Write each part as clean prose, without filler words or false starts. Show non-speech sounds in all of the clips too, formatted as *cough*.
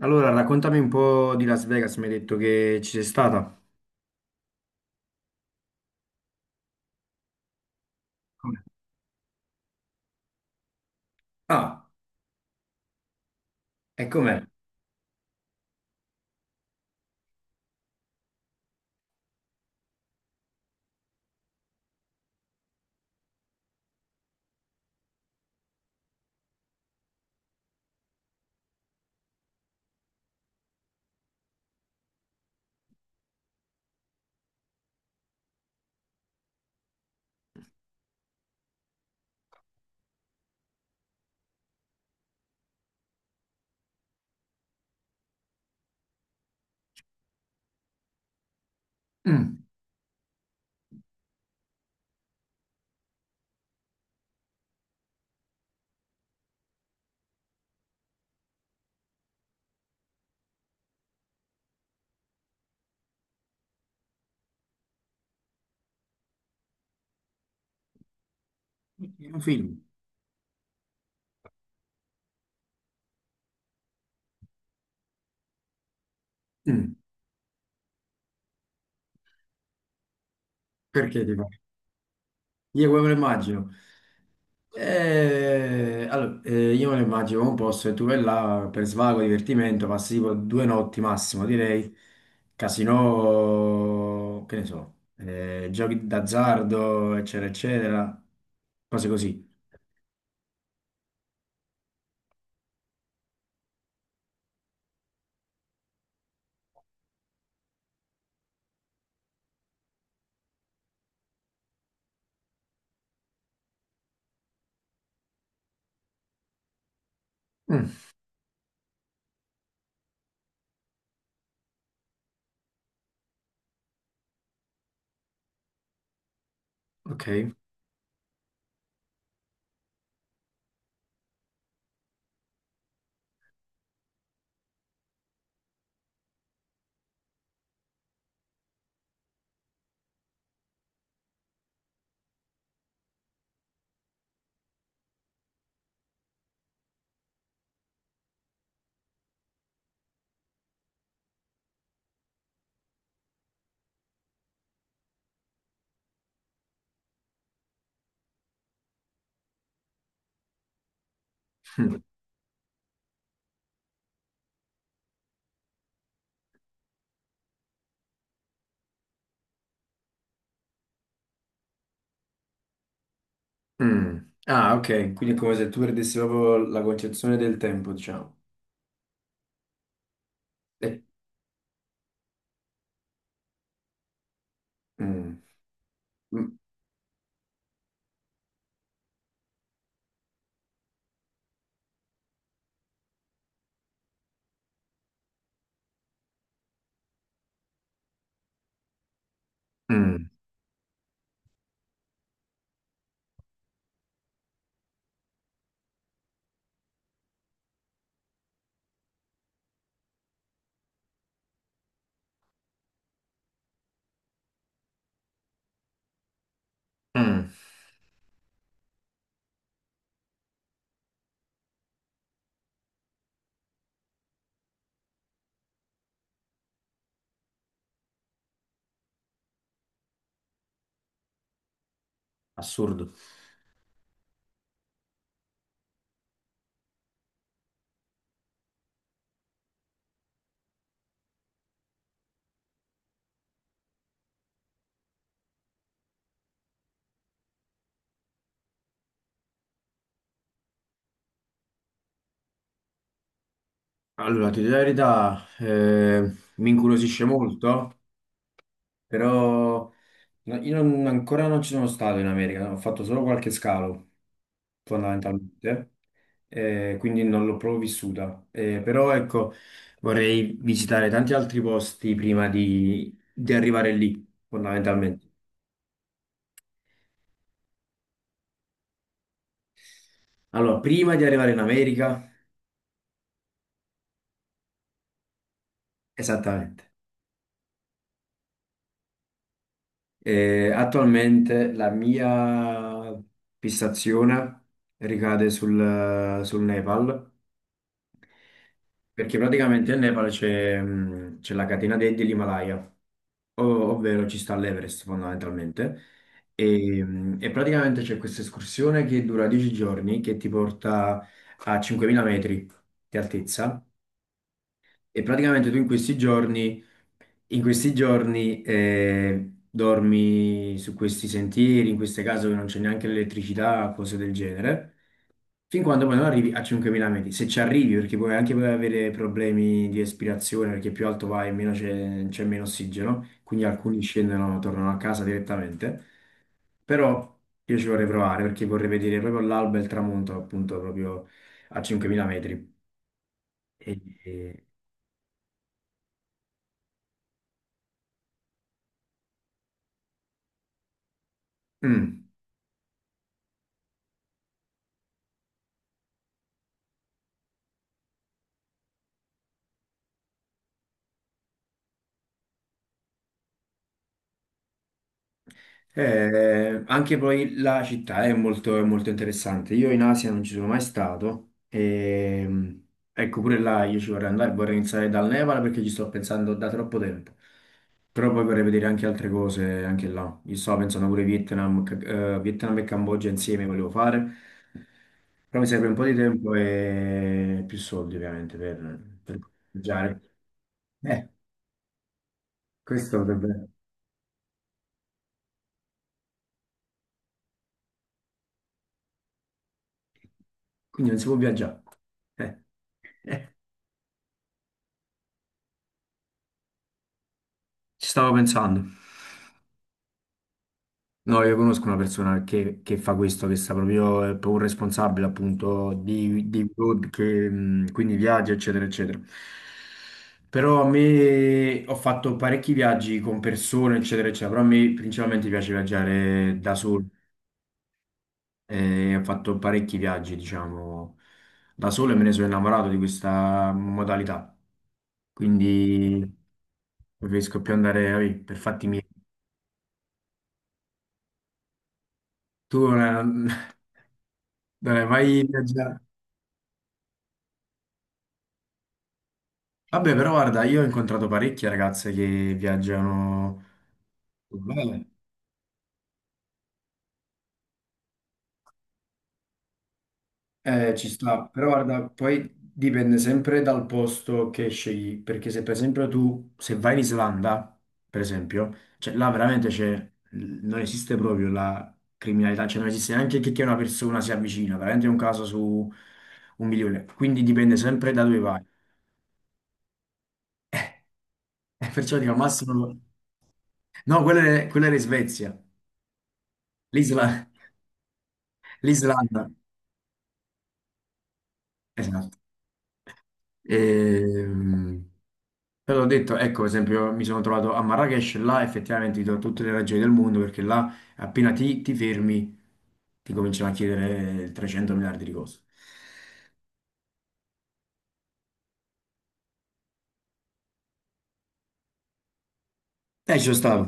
Allora, raccontami un po' di Las Vegas, mi hai detto che ci sei stata. Com'è? Ah, e com'è? Mm, è un film. Mm, perché ti fa? Io come me lo immagino. Allora, io me lo immagino come un posto e tu vai là per svago, divertimento, passi tipo due notti massimo, direi. Casino, che ne so, giochi d'azzardo, eccetera, eccetera. Cose così. Mm, ok. *laughs* Mm. Ah, ok, quindi è come se tu perdessi proprio la concezione del tempo, diciamo. Eh, mm, mm, mm, mm. Assurdo. Allora, ti dico la verità, mi incuriosisce molto, però no- io non- ancora non ci sono stato in America, ho fatto solo qualche scalo, fondamentalmente, quindi non l'ho proprio vissuta. Però ecco, vorrei visitare tanti altri posti prima di arrivare lì, fondamentalmente. Allora, prima di arrivare in America, esattamente, attualmente la mia fissazione ricade sul Nepal, perché praticamente nel Nepal c'è c'è la catena dell'Himalaya, ovvero ci sta l'Everest fondamentalmente, e praticamente c'è questa escursione che dura 10 giorni, che ti porta a 5000 metri di altezza, e praticamente tu in questi giorni dormi su questi sentieri, in queste case dove non c'è neanche l'elettricità, cose del genere, fin quando poi non arrivi a 5000 metri. Se ci arrivi, perché puoi anche puoi avere problemi di respirazione, perché più alto vai, meno c'è meno ossigeno, quindi alcuni scendono, tornano a casa direttamente. Però io ci vorrei provare, perché vorrei vedere proprio l'alba e il tramonto, appunto, proprio a 5000 metri. E, e- mm. Anche poi la città è molto interessante. Io in Asia non ci sono mai stato. E, ecco, pure là io ci vorrei andare, vorrei iniziare dal Nepal perché ci sto pensando da troppo tempo. Però poi vorrei vedere anche altre cose anche là. Io stavo pensando pure Vietnam, Vietnam e Cambogia insieme volevo fare. Però mi serve un po' di tempo e più soldi ovviamente per viaggiare. Eh, questo potrebbe... Quindi non si può viaggiare. Eh. *laughs* Ci stavo pensando. No, io conosco una persona che fa questo, che sta proprio, è proprio un responsabile appunto di road, che, quindi viaggi, eccetera, eccetera. Però a me ho fatto parecchi viaggi con persone, eccetera, eccetera, però a me principalmente piace viaggiare da solo. E ho fatto parecchi viaggi, diciamo, da solo e me ne sono innamorato di questa modalità. Quindi preferisco più andare, vabbè, per fatti miei. Tu *laughs* Dai, vai a viaggiare. Vabbè, però guarda, io ho incontrato parecchie ragazze che viaggiano bene. Ci sta, però guarda, poi dipende sempre dal posto che scegli, perché se per esempio tu Se vai in Islanda, per esempio, cioè là veramente c'è, non esiste proprio la criminalità, cioè non esiste neanche che una persona si avvicina, veramente è un caso su un milione. Quindi dipende sempre da dove vai. *laughs* Perciò dico al massimo... No, quella era in Svezia. L'Islanda L'Islanda, esatto. Ehm, però ho detto, ecco, per esempio, mi sono trovato a Marrakech, là effettivamente ti do tutte le ragioni del mondo, perché là appena ti fermi ti cominciano a chiedere 300 miliardi di cose. E ci sono stato,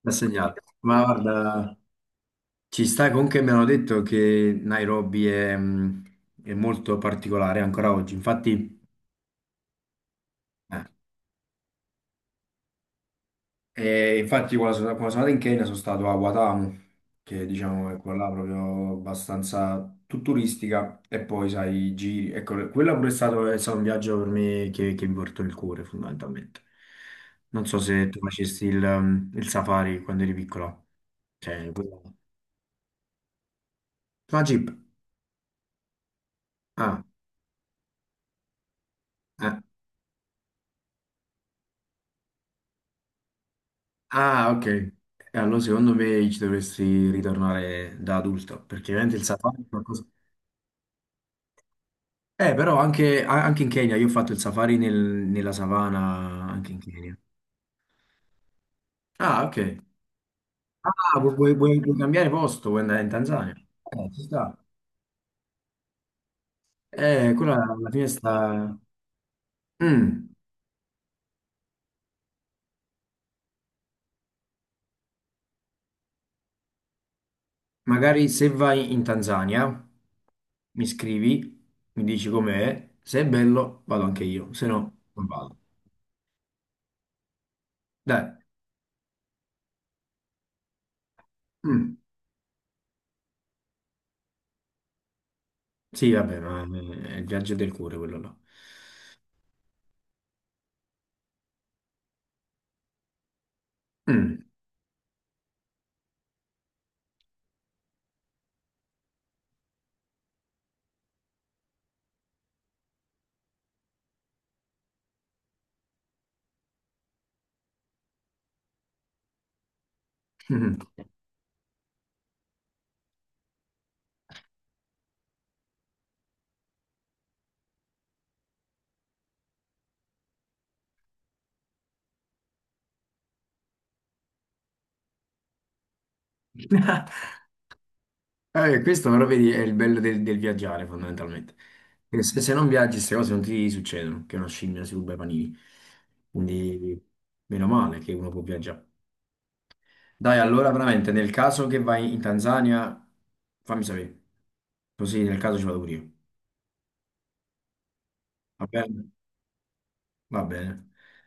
l'ho segnato. Ma guarda, ci sta comunque mi hanno detto che Nairobi è, mm, è molto particolare ancora oggi. Infatti, eh, E infatti quando sono andato in Kenya sono stato a Watamu, che diciamo è quella là proprio abbastanza turistica, e poi sai, i giri. Ecco, quello pure è stato un viaggio per me che mi portò il cuore fondamentalmente. Non so se tu facessi il, il safari quando eri piccola. Cioè, quello- la Jeep. Ah, eh. Ah, ok. E allora secondo me ci dovresti ritornare da adulto, perché veramente il safari è qualcosa... però anche, anche in Kenya, io ho fatto il safari nella savana, anche in Kenya. Ah, ok. Ah, vuoi cambiare posto, vuoi andare in Tanzania? Ci sta. Quella alla fine sta... Mm, magari se vai in Tanzania, mi scrivi, mi dici com'è, se è bello vado anche io, se no non vado. Dai. Mm, Sì, vabbè, ma è il viaggio del cuore quello là. Mm. *laughs* Questo però vedi è il bello del viaggiare fondamentalmente. Perché se non viaggi queste cose non ti succedono, che una scimmia si ruba i panini. Quindi meno male che uno può viaggiare. Dai, allora veramente nel caso che vai in Tanzania, fammi sapere. Così nel caso ci vado pure io. Va bene? Va bene.